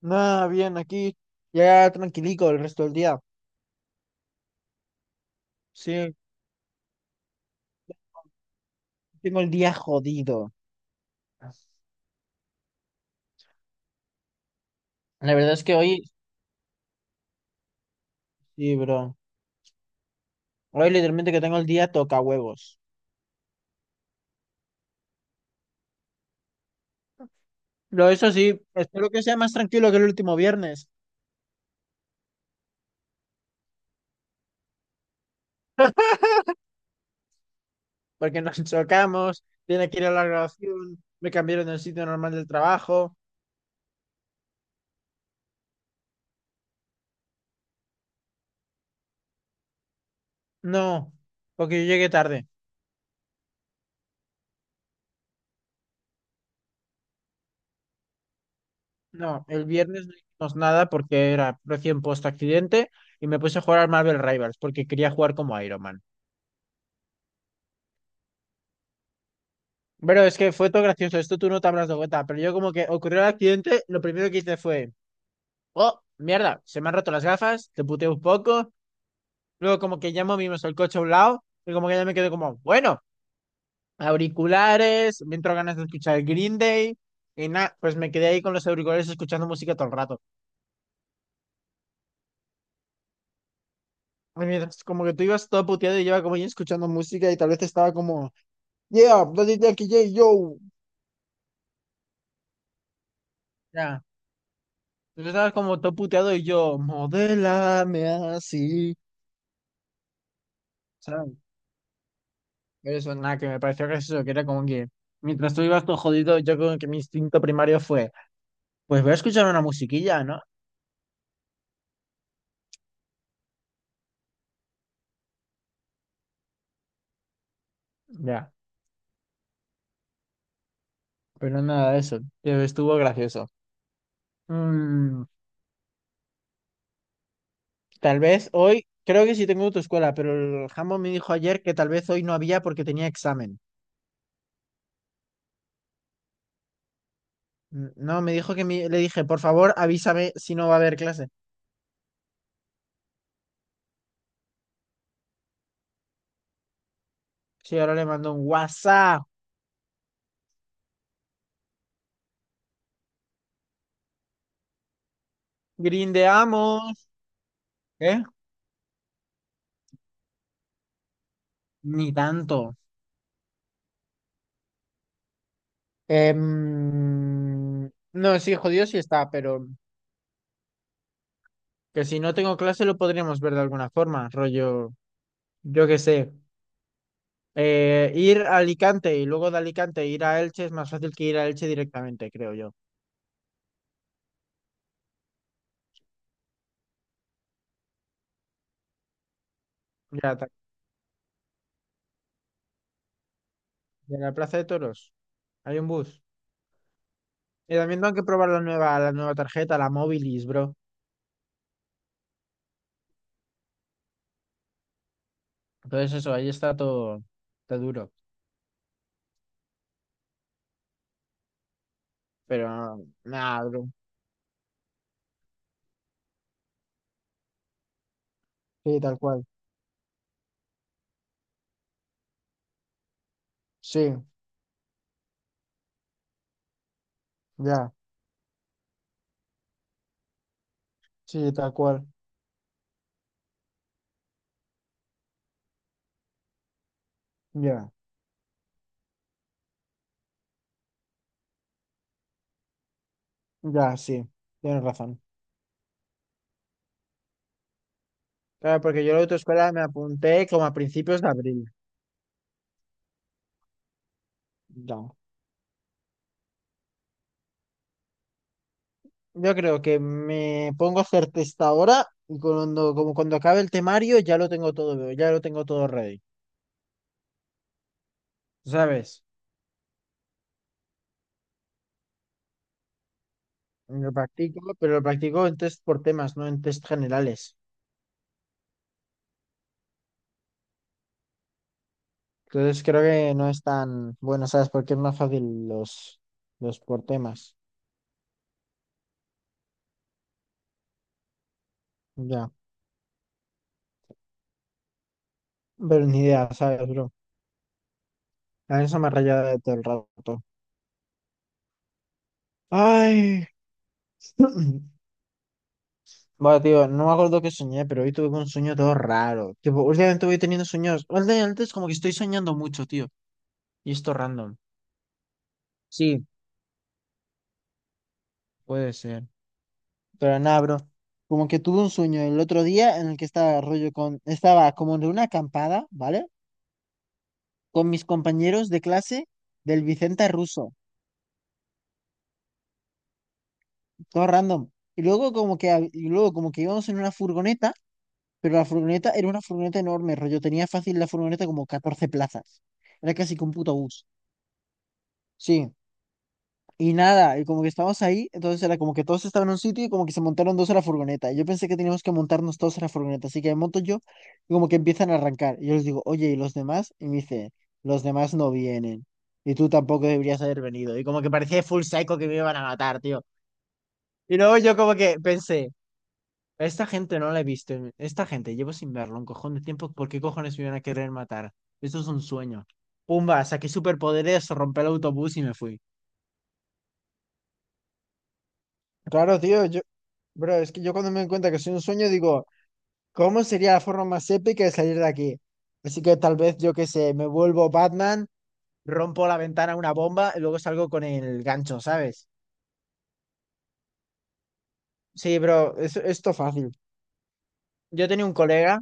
Nada, bien, aquí ya tranquilico el resto del día. Sí, tengo el día jodido. La verdad es que hoy, sí, bro. Hoy literalmente que tengo el día toca huevos. Pero eso sí, espero que sea más tranquilo que el último viernes, porque nos chocamos, tiene que ir a la grabación, me cambiaron del sitio normal del trabajo. No, porque yo llegué tarde. No, el viernes no hicimos nada porque era recién post accidente y me puse a jugar al Marvel Rivals porque quería jugar como Iron Man. Pero es que fue todo gracioso, esto tú no te habrás dado cuenta, pero yo como que ocurrió el accidente, lo primero que hice fue: oh, mierda, se me han roto las gafas, te puteo un poco. Luego como que ya movimos el coche a un lado, y como que ya me quedé como, bueno, auriculares, me entró ganas de escuchar Green Day, y nada, pues me quedé ahí con los auriculares escuchando música todo el rato. Y mientras como que tú ibas todo puteado y yo iba como ahí escuchando música y tal vez estaba como, yeah, bloody Jackie J, yo. Ya, tú estabas como todo puteado y yo, modélame así. ¿Sabes? Eso, nada, que me pareció gracioso, que era como que mientras tú ibas todo jodido, yo como que mi instinto primario fue, pues voy a escuchar una musiquilla, ¿no? Ya, pero nada de eso, pero estuvo gracioso. Mm, tal vez hoy, creo que sí tengo autoescuela, pero el jambo me dijo ayer que tal vez hoy no había porque tenía examen. No, me dijo que le dije, por favor, avísame si no va a haber clase. Sí, ahora le mando un WhatsApp, grindeamos, ¿eh? Ni tanto. No, sí, jodido sí está, pero... Que si no tengo clase lo podríamos ver de alguna forma, rollo, yo qué sé. Ir a Alicante y luego de Alicante ir a Elche es más fácil que ir a Elche directamente, creo yo. Mira, de la Plaza de Toros hay un bus. Y también tengo que probar la nueva tarjeta, la Mobilis, bro. Entonces eso, ahí está todo, está duro. Pero nada, bro. Sí, tal cual. Sí, ya. Sí, tal cual. Ya, ya, sí. Tienes razón. Claro, porque yo a la autoescuela me apunté como a principios de abril. Ya. Yo creo que me pongo a hacer testadora y cuando, como cuando acabe el temario ya lo tengo todo, ya lo tengo todo ready, ¿sabes? Lo practico, pero lo practico en test por temas, no en test generales. Entonces creo que no es tan bueno, ¿sabes? Porque es más fácil los por temas. Ya, pero ni idea, ¿sabes, bro? A eso me rayaba de todo el rato. Ay. Bueno, tío, no me acuerdo qué soñé, pero hoy tuve un sueño todo raro. Tipo, últimamente voy teniendo sueños. Últimamente es como que estoy soñando mucho, tío. Y esto random. Sí, puede ser. Pero nada, bro. Como que tuve un sueño el otro día en el que estaba rollo con, estaba como en una acampada, ¿vale? Con mis compañeros de clase del Vicente Ruso, todo random. Y luego como que, y luego como que íbamos en una furgoneta, pero la furgoneta era una furgoneta enorme, rollo. Tenía fácil la furgoneta como 14 plazas. Era casi que un puto bus. Sí. Y nada, y como que estábamos ahí, entonces era como que todos estaban en un sitio y como que se montaron dos a la furgoneta. Y yo pensé que teníamos que montarnos todos a la furgoneta, así que me monto yo y como que empiezan a arrancar. Y yo les digo, oye, ¿y los demás? Y me dice, los demás no vienen. Y tú tampoco deberías haber venido. Y como que parecía full psycho que me iban a matar, tío. Y luego yo como que pensé, "A esta gente no la he visto. Esta gente llevo sin verlo un cojón de tiempo. ¿Por qué cojones me iban a querer matar? Esto es un sueño." Pumba, saqué superpoderes, rompí el autobús y me fui. Claro, tío, yo, bro, es que yo cuando me doy cuenta que soy un sueño digo, ¿cómo sería la forma más épica de salir de aquí? Así que tal vez, yo qué sé, me vuelvo Batman, rompo la ventana una bomba y luego salgo con el gancho, ¿sabes? Sí, bro, es, esto fácil. Yo tenía un colega,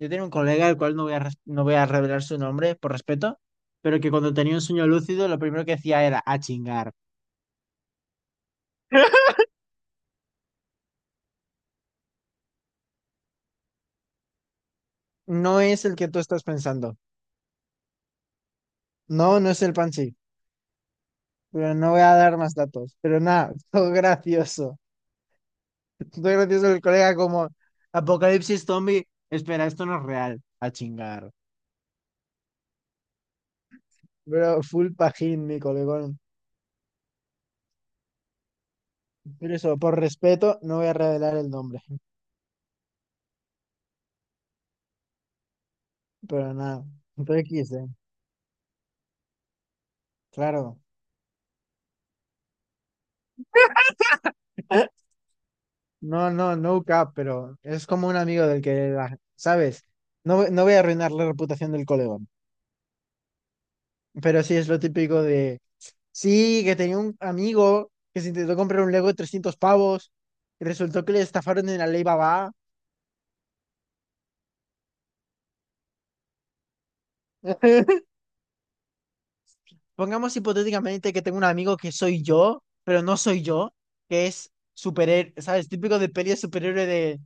yo tenía un colega, el cual no voy a no voy a revelar su nombre por respeto, pero que cuando tenía un sueño lúcido lo primero que hacía era a chingar. No es el que tú estás pensando. No, no es el Pansy, pero no voy a dar más datos. Pero nada, todo gracioso. Estoy gracioso el colega como Apocalipsis Zombie. Espera, esto no es real. A chingar. Pero full pajín, mi colegón. Pero eso, por respeto, no voy a revelar el nombre. Pero nada. Entonces quise, claro. No, no, no cap, pero es como un amigo del que, ¿sabes? No, no voy a arruinar la reputación del colegón. Pero sí es lo típico de. Sí, que tenía un amigo que se intentó comprar un Lego de 300 pavos y resultó que le estafaron en la ley Babá. Pongamos hipotéticamente que tengo un amigo que soy yo, pero no soy yo, que es superhéroe, ¿sabes? Típico de peli de superhéroe de,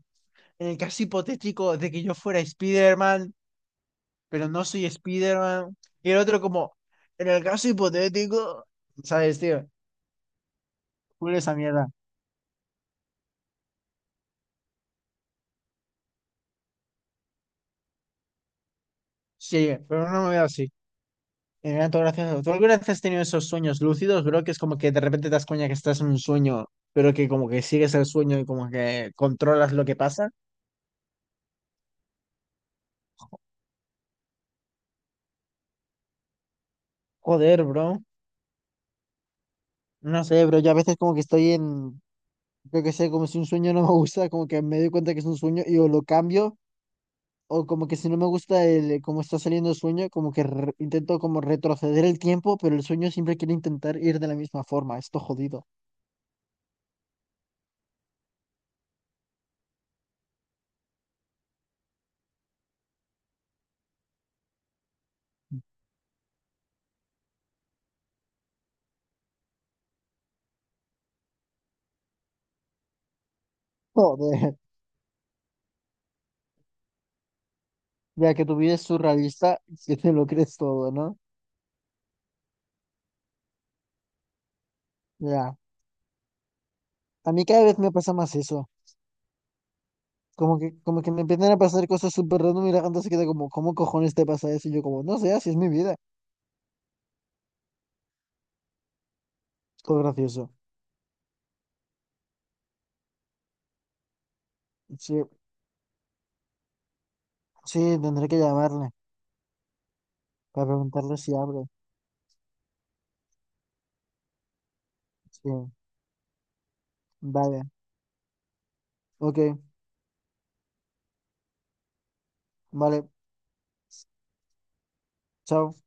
en el caso hipotético de que yo fuera Spider-Man, pero no soy Spider-Man. Y el otro como, en el caso hipotético, ¿sabes, tío? Culo esa mierda. Sí, pero no me veo así. Me da todo gracioso. ¿Tú alguna vez has tenido esos sueños lúcidos, bro? Que es como que de repente te das cuenta que estás en un sueño, pero que como que sigues el sueño y como que controlas lo que pasa. Joder, bro. No sé, pero yo a veces como que estoy en, yo que sé, como si un sueño no me gusta, como que me doy cuenta que es un sueño y o lo cambio, o como que si no me gusta el cómo está saliendo el sueño, como que intento como retroceder el tiempo, pero el sueño siempre quiere intentar ir de la misma forma, esto jodido. Joder, ya que tu vida es surrealista, si te lo crees todo, ¿no? Ya, a mí cada vez me pasa más eso, como que me empiezan a pasar cosas súper random y la gente se queda como, ¿cómo cojones te pasa eso? Y yo como, no sé, así es mi vida. Es todo gracioso. Sí, sí, tendré que llamarle para preguntarle si abre. Sí, vale, ok, vale, chao.